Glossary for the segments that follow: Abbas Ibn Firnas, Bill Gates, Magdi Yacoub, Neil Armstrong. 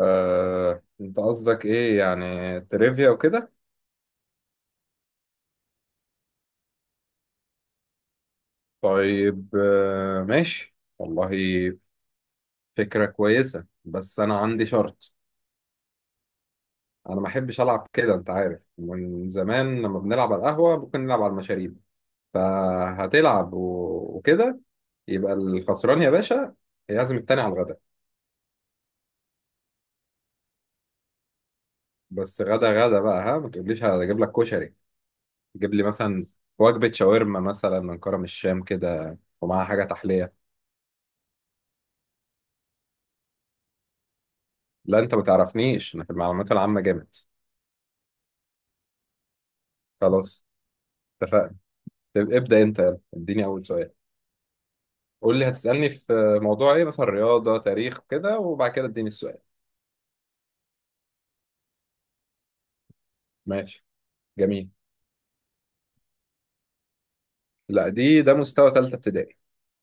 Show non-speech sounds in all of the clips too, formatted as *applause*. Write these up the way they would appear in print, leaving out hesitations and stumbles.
انت قصدك ايه يعني تريفيا وكده؟ طيب، ماشي والله. فكرة كويسة بس انا عندي شرط. انا ما احبش العب كده، انت عارف من زمان لما بنلعب على القهوة ممكن نلعب على المشاريب. فهتلعب و- وكده، يبقى الخسران يا باشا يعزم التاني على الغدا. بس غدا غدا بقى، ها، ما تقوليش هجيب لك كشري. جيب لي مثلا وجبة شاورما مثلا من كرم الشام كده ومعاها حاجة تحلية. لا، انت ما تعرفنيش، انا في المعلومات العامة جامد. خلاص، اتفقنا. طب ابدأ انت، يلا اديني اول سؤال. قول لي هتسألني في موضوع ايه، مثلا رياضة، تاريخ كده، وبعد كده اديني السؤال. ماشي، جميل. لا، ده مستوى ثالثة ابتدائي.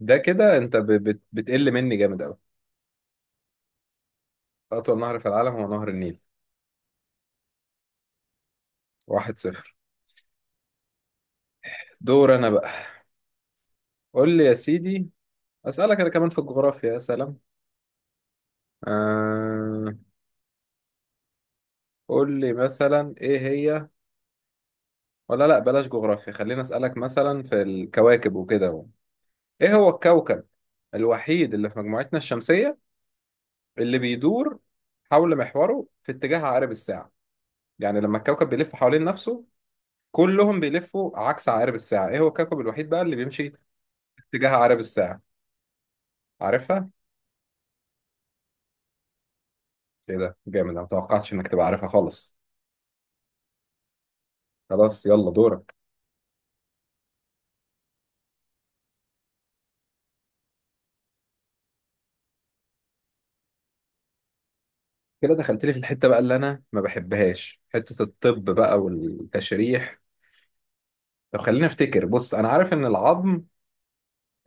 ده كده انت بتقل مني جامد قوي. اطول نهر في العالم هو نهر النيل. واحد صفر. دور انا بقى. قول لي يا سيدي، اسألك انا كمان في الجغرافيا، يا سلام. آه... قول لي مثلا ايه هي، ولا لا، بلاش جغرافيا، خلينا اسألك مثلا في الكواكب وكده. ايه هو الكوكب الوحيد اللي في مجموعتنا الشمسية اللي بيدور حول محوره في اتجاه عقارب الساعة؟ يعني لما الكوكب بيلف حوالين نفسه، كلهم بيلفوا عكس عقارب الساعة، ايه هو الكوكب الوحيد بقى اللي بيمشي في اتجاه عقارب الساعة؟ عارفها؟ ايه ده، جامد! انا متوقعتش انك تبقى عارفها خالص. خلاص، يلا دورك. كده دخلت لي في الحتة بقى اللي انا ما بحبهاش، حتة الطب بقى والتشريح. طب خليني افتكر. بص، انا عارف ان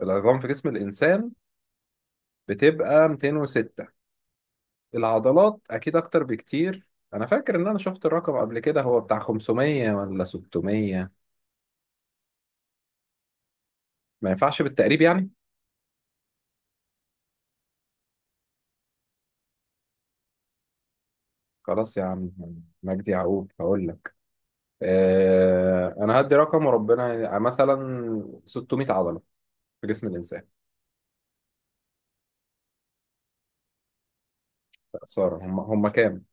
العظام في جسم الانسان بتبقى 206. العضلات اكيد اكتر بكتير. انا فاكر ان انا شفت الرقم قبل كده، هو بتاع 500 ولا 600. ما ينفعش بالتقريب يعني؟ خلاص يا عم مجدي يعقوب هقول لك. انا هدي رقم وربنا، يعني مثلا 600 عضلة في جسم الانسان. خسارة. هم كام؟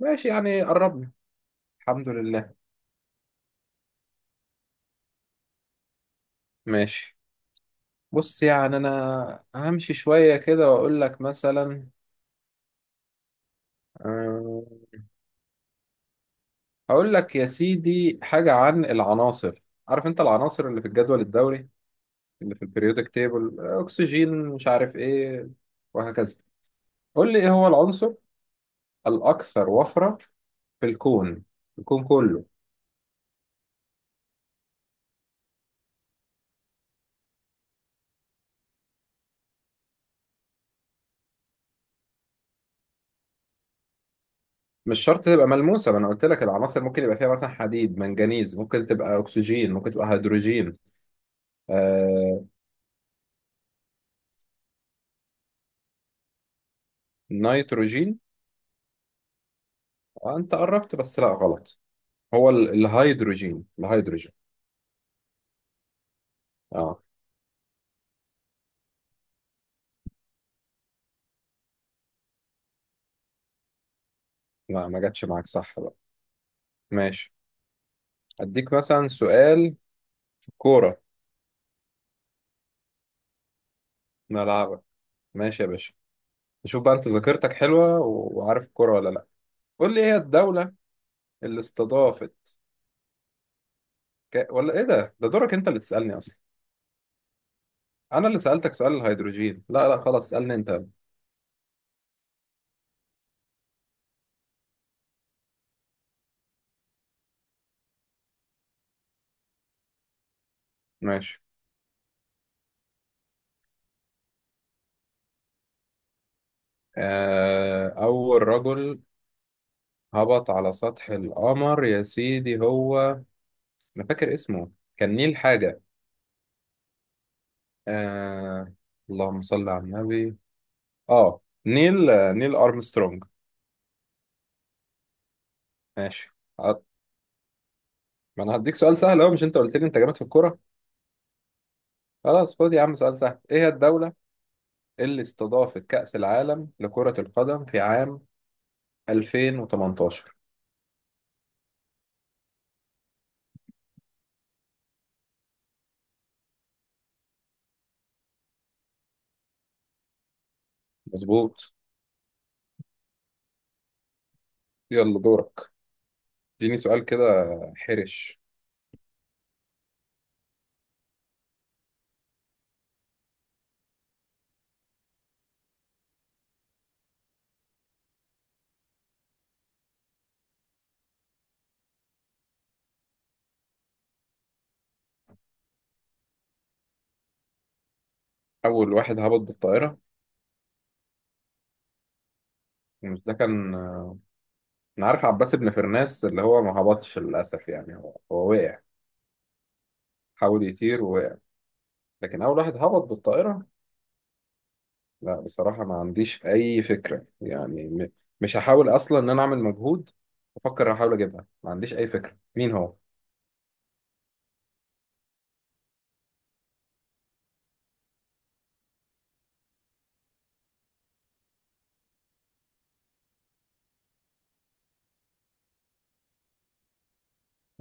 ماشي، يعني قربنا، الحمد لله. ماشي. بص يعني انا همشي شوية كده واقول لك مثلا. آه، هقول لك يا سيدي حاجة عن العناصر. عارف انت العناصر اللي في الجدول الدوري، اللي في البريودك تيبل، اكسجين مش عارف ايه، وهكذا. قول لي ايه هو العنصر الاكثر وفرة في الكون، الكون كله. مش شرط تبقى ملموسة، ما انا قلت لك العناصر ممكن يبقى فيها مثلا حديد، منجنيز، ممكن تبقى اكسجين، ممكن تبقى هيدروجين. آه... نيتروجين؟ انت قربت بس لا، غلط. هو الهيدروجين. اه، لا ما جاتش معاك، صح بقى. ماشي، اديك مثلا سؤال كورة. ملعبك. ماشي يا باشا، نشوف بقى انت ذاكرتك حلوة و- وعارف الكورة ولا لا. قول لي ايه هي الدولة اللي استضافت ولا ايه، ده دورك انت اللي تسألني اصلا. انا اللي سألتك سؤال الهيدروجين، لا لا، خلاص اسألني انت. ماشي. اول رجل هبط على سطح القمر يا سيدي هو، انا فاكر اسمه كان نيل حاجة. آه... اللهم صل على النبي. اه، نيل، نيل ارمسترونج. ماشي. عط- ما انا هديك سؤال سهل اهو، مش انت قلت لي انت جامد في الكورة؟ خلاص، خد يا عم سؤال سهل. ايه هي الدولة اللي استضافت كأس العالم لكرة القدم في عام 2018؟ مظبوط. يلا دورك، اديني سؤال كده حرش. أول واحد هبط بالطائرة؟ مش ده كان، أنا عارف عباس بن فرناس اللي هو ما هبطش للأسف، يعني هو وقع، حاول يطير ووقع. لكن أول واحد هبط بالطائرة، لا بصراحة ما عنديش أي فكرة يعني، مش هحاول أصلا إن أنا أعمل مجهود. أفكر أحاول أجيبها، ما عنديش أي فكرة مين هو؟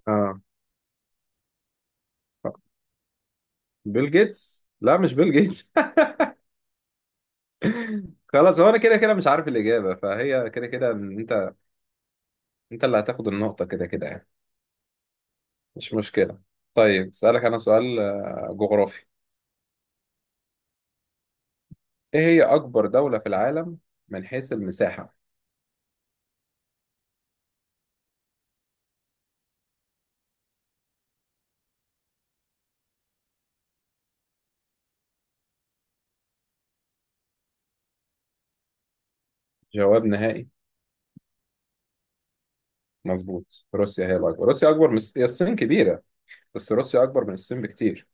آه بيل جيتس؟ لا مش بيل جيتس. خلاص، هو انا كده كده مش عارف الاجابه، فهي كده كده إن انت اللي هتاخد النقطه كده كده يعني. مش مشكله. طيب اسالك انا سؤال جغرافي. ايه هي اكبر دوله في العالم من حيث المساحه؟ جواب نهائي؟ مظبوط، روسيا هي الاكبر، روسيا اكبر من، هي الصين كبيره، بس روسيا اكبر من الصين بكتير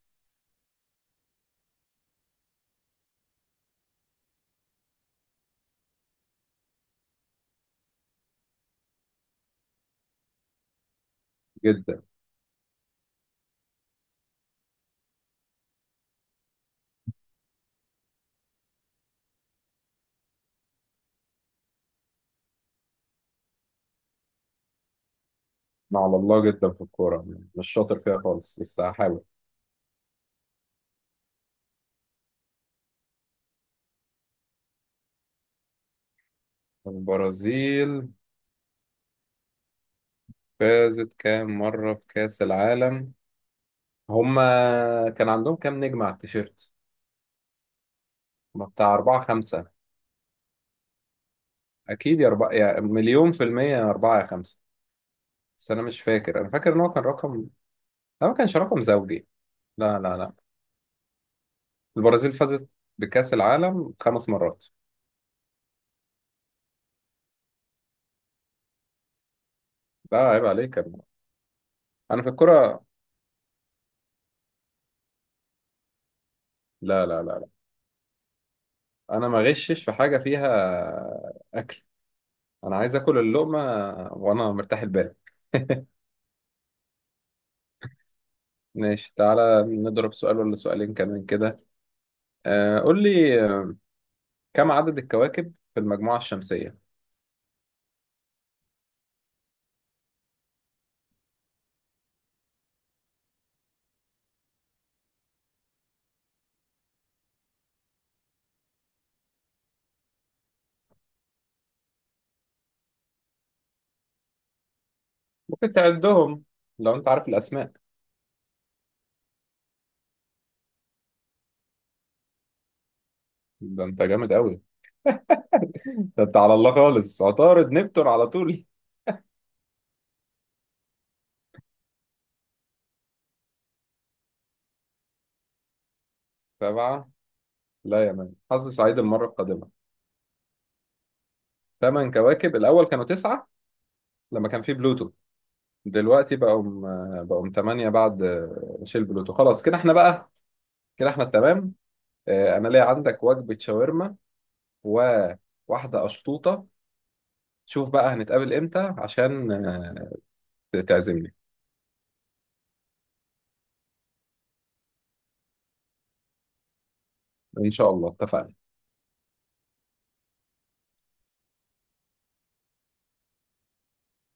جدا. أنا على الله جدا في الكوره، مش شاطر فيها خالص بس هحاول. البرازيل فازت كام مره بكاس العالم؟ هما كان عندهم كام نجم على التيشيرت؟ ما بتاع أربعة خمسة. أكيد، يا أربعة يا مليون في المية، يا أربعة يا خمسة. بس أنا مش فاكر، أنا فاكر إن هو كان رقم، لا ما كانش رقم زوجي، لا لا لا. البرازيل فازت بكأس العالم خمس مرات. لا عيب عليك يا ابني. أنا في الكرة. لا لا لا لا، أنا ما غشش في حاجة فيها. أكل. أنا عايز آكل اللقمة وأنا مرتاح البال. *laughs* ماشي، تعالى نضرب سؤال ولا سؤالين كمان كده. قول لي كم عدد الكواكب في المجموعة الشمسية؟ ممكن تعدهم لو أنت عارف الأسماء. ده انت جامد قوي، ده انت على الله خالص، عطارد نبتون على طول. سبعة؟ لا يا مان، حظ سعيد المرة القادمة. ثمان كواكب. الأول كانوا تسعة لما كان في بلوتو، دلوقتي بقوا ثمانية بعد، شيل بلوتو خلاص، كده احنا بقى كده احنا التمام. أنا ليا عندك وجبة شاورما وواحدة أشطوطة، شوف بقى هنتقابل امتى عشان تعزمني. إن شاء الله، اتفقنا.